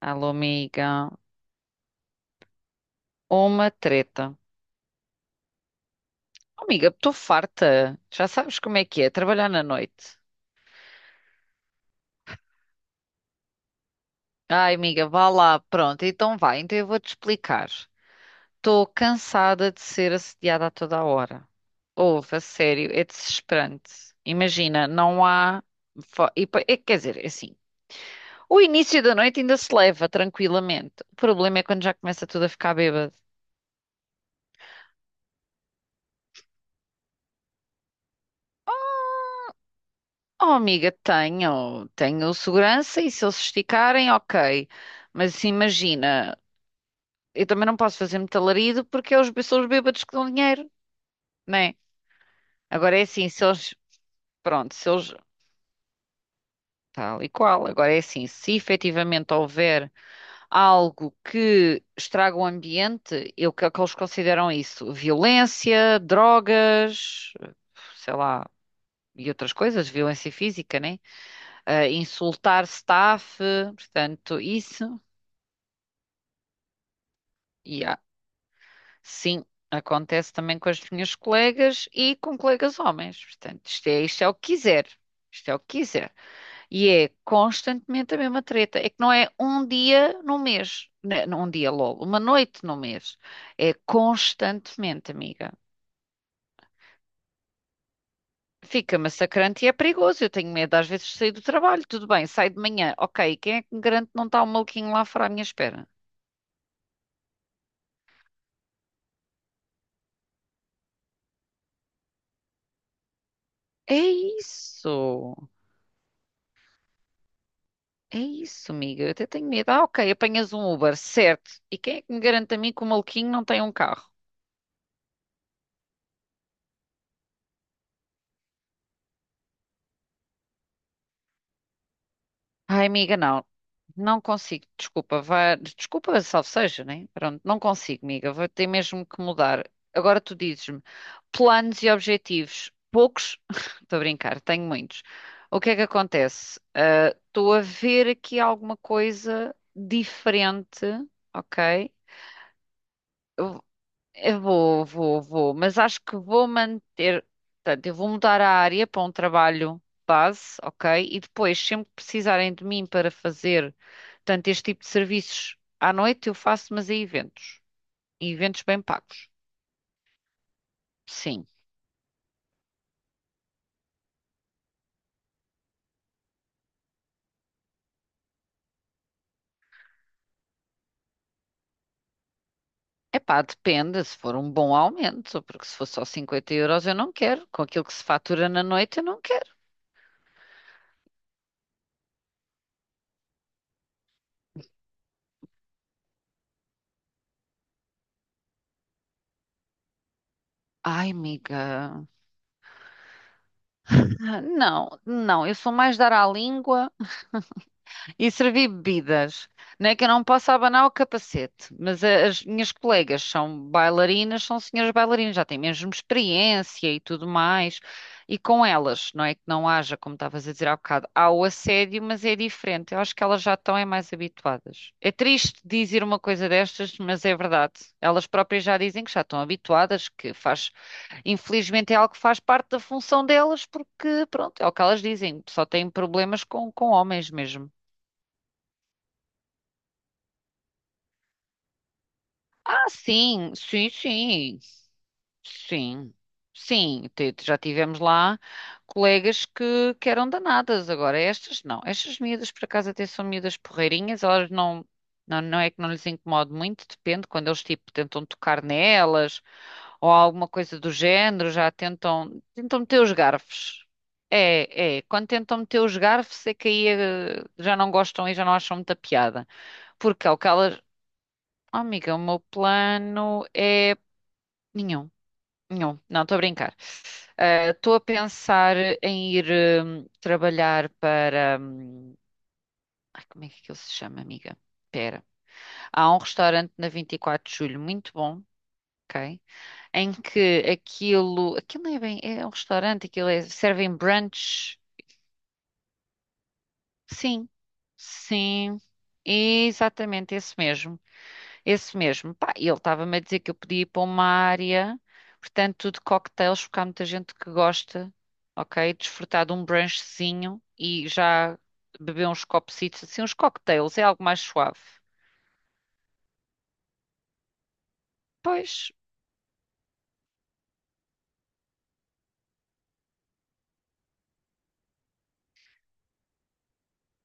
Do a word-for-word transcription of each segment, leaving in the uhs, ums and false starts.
Alô, amiga. Uma treta. Oh, amiga, estou farta. Já sabes como é que é trabalhar na noite. Ai, amiga, vá lá. Pronto, então vai. Então eu vou-te explicar. Estou cansada de ser assediada a toda a hora. Ouve, a sério, é desesperante. Imagina, não há. fo- E, pa- é, quer dizer, é assim. O início da noite ainda se leva tranquilamente. O problema é quando já começa tudo a ficar bêbado. Oh, amiga, tenho, tenho segurança e se eles se esticarem, ok. Mas assim, imagina, eu também não posso fazer muito alarido porque é os, são os bêbados que dão dinheiro, né? Agora é assim, se eles, pronto, se eles, tal e qual, agora é assim, se efetivamente houver algo que estraga o ambiente, eu, que é que eles consideram isso? Violência, drogas, sei lá, e outras coisas, violência física, né? Ah, insultar staff, portanto, isso. E há- sim, acontece também com as minhas colegas e com colegas homens. Portanto, isto é, isto é o que quiser. Isto é o que quiser. E é constantemente a mesma treta. É que não é um dia no mês. Né, não Um dia logo, uma noite no mês. É constantemente, amiga. Fica massacrante e é perigoso. Eu tenho medo às vezes de sair do trabalho. Tudo bem, saio de manhã. Ok, quem é que me garante que não está um maluquinho lá fora à minha espera? É isso. É isso, amiga. Eu até tenho medo. Ah, ok, apanhas um Uber, certo. E quem é que me garante a mim que o maluquinho não tem um carro? Ai, amiga, não. Não consigo. Desculpa, vá. Desculpa, salve seja, né? Pronto, não consigo, amiga. Vou ter mesmo que mudar. Agora tu dizes-me, planos e objetivos. Poucos? Estou a brincar, tenho muitos. O que é que acontece? Ah, Estou a ver aqui alguma coisa diferente, ok? Eu vou, vou, vou, mas acho que vou manter. Portanto, eu vou mudar a área para um trabalho base, ok? E depois, sempre que precisarem de mim para fazer, tanto este tipo de serviços à noite, eu faço, mas a eventos. E eventos bem pagos. Sim. Epá, depende se for um bom aumento, porque se for só cinquenta euros eu não quero. Com aquilo que se fatura na noite eu não quero. Ai, amiga. Ah, Não, não, eu sou mais dar à língua. E servi bebidas. Não é que eu não posso abanar o capacete, mas a- as minhas colegas são bailarinas, são senhoras bailarinas, já têm mesmo experiência e tudo mais. E com elas, não é que não haja, como estavas a dizer há bocado, há o assédio, mas é diferente. Eu acho que elas já estão é mais habituadas. É triste dizer uma coisa destas, mas é verdade. Elas próprias já dizem que já estão habituadas, que faz, infelizmente é algo que faz parte da função delas, porque pronto, é o que elas dizem, só têm problemas com, com homens mesmo. Ah, sim, sim, sim, sim, sim. te- Já tivemos lá colegas que, que eram danadas. Agora, estas não. Estas miúdas, por acaso, até são miúdas porreirinhas. Elas não, não, não é que não lhes incomode muito, depende. Quando eles, tipo, tentam tocar nelas ou alguma coisa do género, já tentam, tentam meter os garfos. É, é. Quando tentam meter os garfos é que aí eh, já não gostam e já não acham muita piada. Porque é o que elas, oh, amiga, o meu plano é nenhum, nenhum. Não, estou a brincar. Ah, estou a pensar em ir hum, trabalhar para. hum, ai, como é que ele se chama, amiga? Pera. Há um restaurante na vinte e quatro de Julho muito bom, ok? Em que aquilo. Aquilo não é bem. É um restaurante, aquilo é. Servem brunch? Sim, sim, exatamente esse mesmo. Esse mesmo. Pá, e ele estava-me a dizer que eu podia ir para uma área, portanto, de cocktails, porque há muita gente que gosta, ok? Desfrutar de um brunchzinho e já beber uns copecitos, assim, uns cocktails, é algo mais suave. Pois,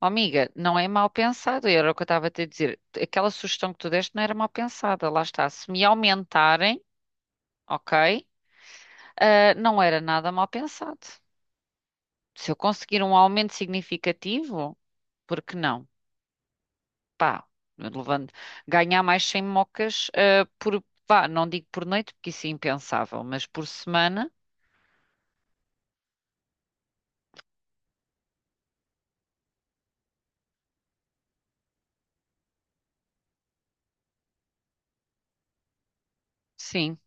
ó amiga, não é mal pensado, era o que eu estava a te dizer. Aquela sugestão que tu deste não era mal pensada, lá está. Se me aumentarem, ok? Ah, não era nada mal pensado. Se eu conseguir um aumento significativo, por que não? Pá, levando, ganhar mais cem mocas, ah, por, pá, não digo por noite, porque isso é impensável, mas por semana, sim.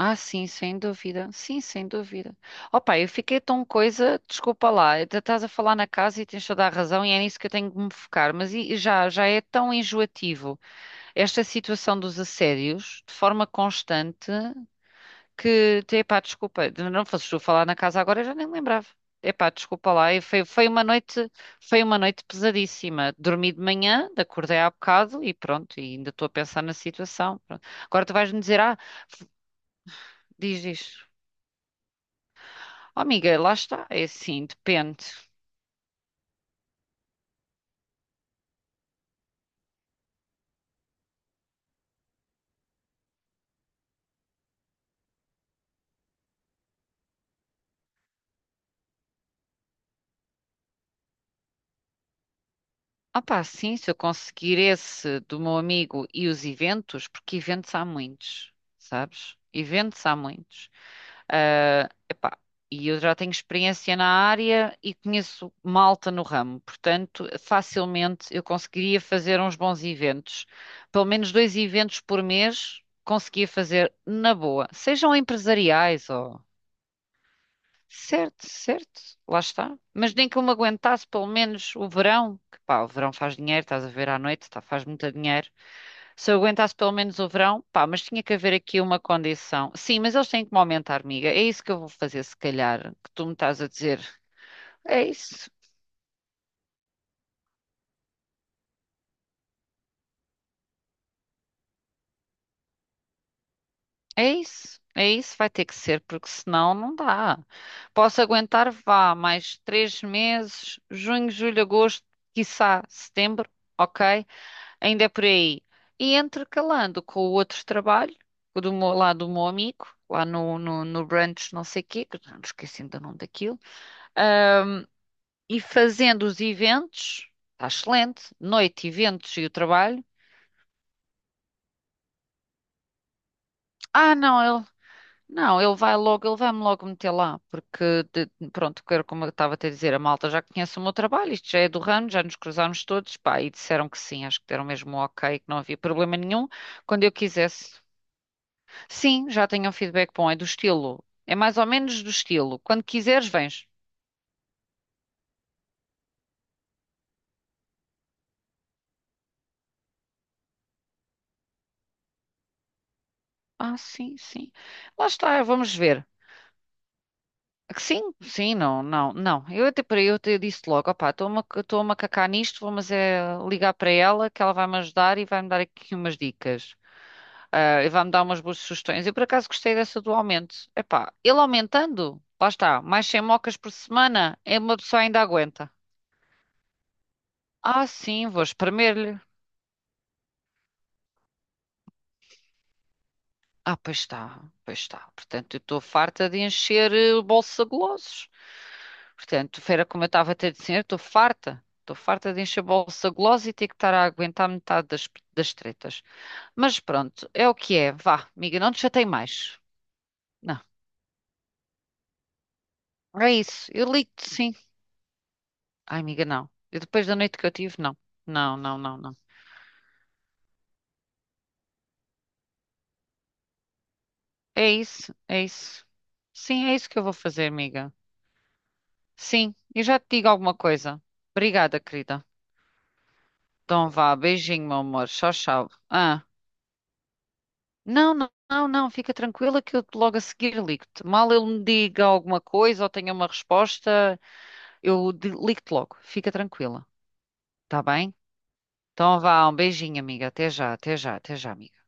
Ah, sim, sem dúvida. Sim, sem dúvida. Opa, eu fiquei tão coisa, desculpa lá, ainda estás a falar na casa e tens toda a razão e é nisso que eu tenho que me focar, mas e- e já, já é tão enjoativo esta situação dos assédios, de forma constante. Que, epá, desculpa, não fosses tu falar na casa agora, eu já nem me lembrava. Epá, desculpa lá, e foi, foi uma noite, foi uma noite pesadíssima. Dormi de manhã, acordei há bocado e pronto, e ainda estou a pensar na situação. Pronto. Agora tu vais-me dizer, ah, diz, diz, oh, amiga, lá está, é assim, depende. Opá, sim, se eu conseguir esse do meu amigo e os eventos, porque eventos há muitos, sabes? Eventos há muitos. Ah, epá, e eu já tenho experiência na área e conheço malta no ramo, portanto, facilmente eu conseguiria fazer uns bons eventos. Pelo menos dois eventos por mês conseguia fazer na boa, sejam empresariais. Certo, certo, lá está. Mas nem que eu me aguentasse pelo menos o verão, que pá, o verão faz dinheiro, estás a ver à noite, tá, faz muito dinheiro. Se eu aguentasse pelo menos o verão, pá, mas tinha que haver aqui uma condição. Sim, mas eles têm que me aumentar, amiga. É isso que eu vou fazer, se calhar, que tu me estás a dizer. É isso, é isso, é isso, vai ter que ser, porque senão não dá. Posso aguentar, vá, mais três meses, junho, julho, agosto, quiçá setembro, ok? Ainda é por aí. E intercalando com o outro trabalho, o do meu, lá do meu amigo, lá no, no, no brunch não sei quê, que eu não me esqueci ainda o nome daquilo, ah, e fazendo os eventos, está excelente, noite, eventos e o trabalho. Ah, não, ele, não, ele vai logo, ele vai-me logo meter lá, porque, de- pronto, que era como eu estava a te dizer, a malta já conhece o meu trabalho, isto já é do ramo, já nos cruzámos todos, pá, e disseram que sim, acho que deram mesmo um ok, que não havia problema nenhum, quando eu quisesse. Sim, já tenho um feedback bom, é do estilo. É mais ou menos do estilo. Quando quiseres, vens. Ah, sim, sim. Lá está, vamos ver. Que sim, sim, não, não, não. Eu até para eu te disse logo, opá, estou-me a estou-me a cacar nisto, vou mas é ligar para ela que ela vai-me ajudar e vai-me dar aqui umas dicas. Ah, e vai-me dar umas boas sugestões. Eu por acaso gostei dessa do aumento. Epá, ele aumentando, lá está, mais cem mocas por semana, é uma pessoa ainda aguenta. Ah, sim, vou espremer-lhe. Ah, pois está, pois está. Portanto, eu estou farta de encher eh, o bolso a golosos. Portanto, fera como eu estava a ter de dizer, estou farta. Estou farta de encher o bolso a golosos e ter que estar a aguentar metade das, das tretas. Mas pronto, é o que é. Vá, amiga, não te chatei mais. Não, é isso. Eu ligo-te, sim. Ai, amiga, não. E depois da noite que eu tive, não. Não, não, não, não. É isso, é isso. Sim, é isso que eu vou fazer, amiga. Sim, eu já te digo alguma coisa. Obrigada, querida. Então vá, beijinho, meu amor. Tchau, tchau. Ah, não, não, não, não, fica tranquila que eu logo a seguir ligo-te. Mal ele me diga alguma coisa ou tenha uma resposta, eu de- ligo-te logo. Fica tranquila, tá bem? Então vá, um beijinho, amiga. Até já, até já, até já, amiga.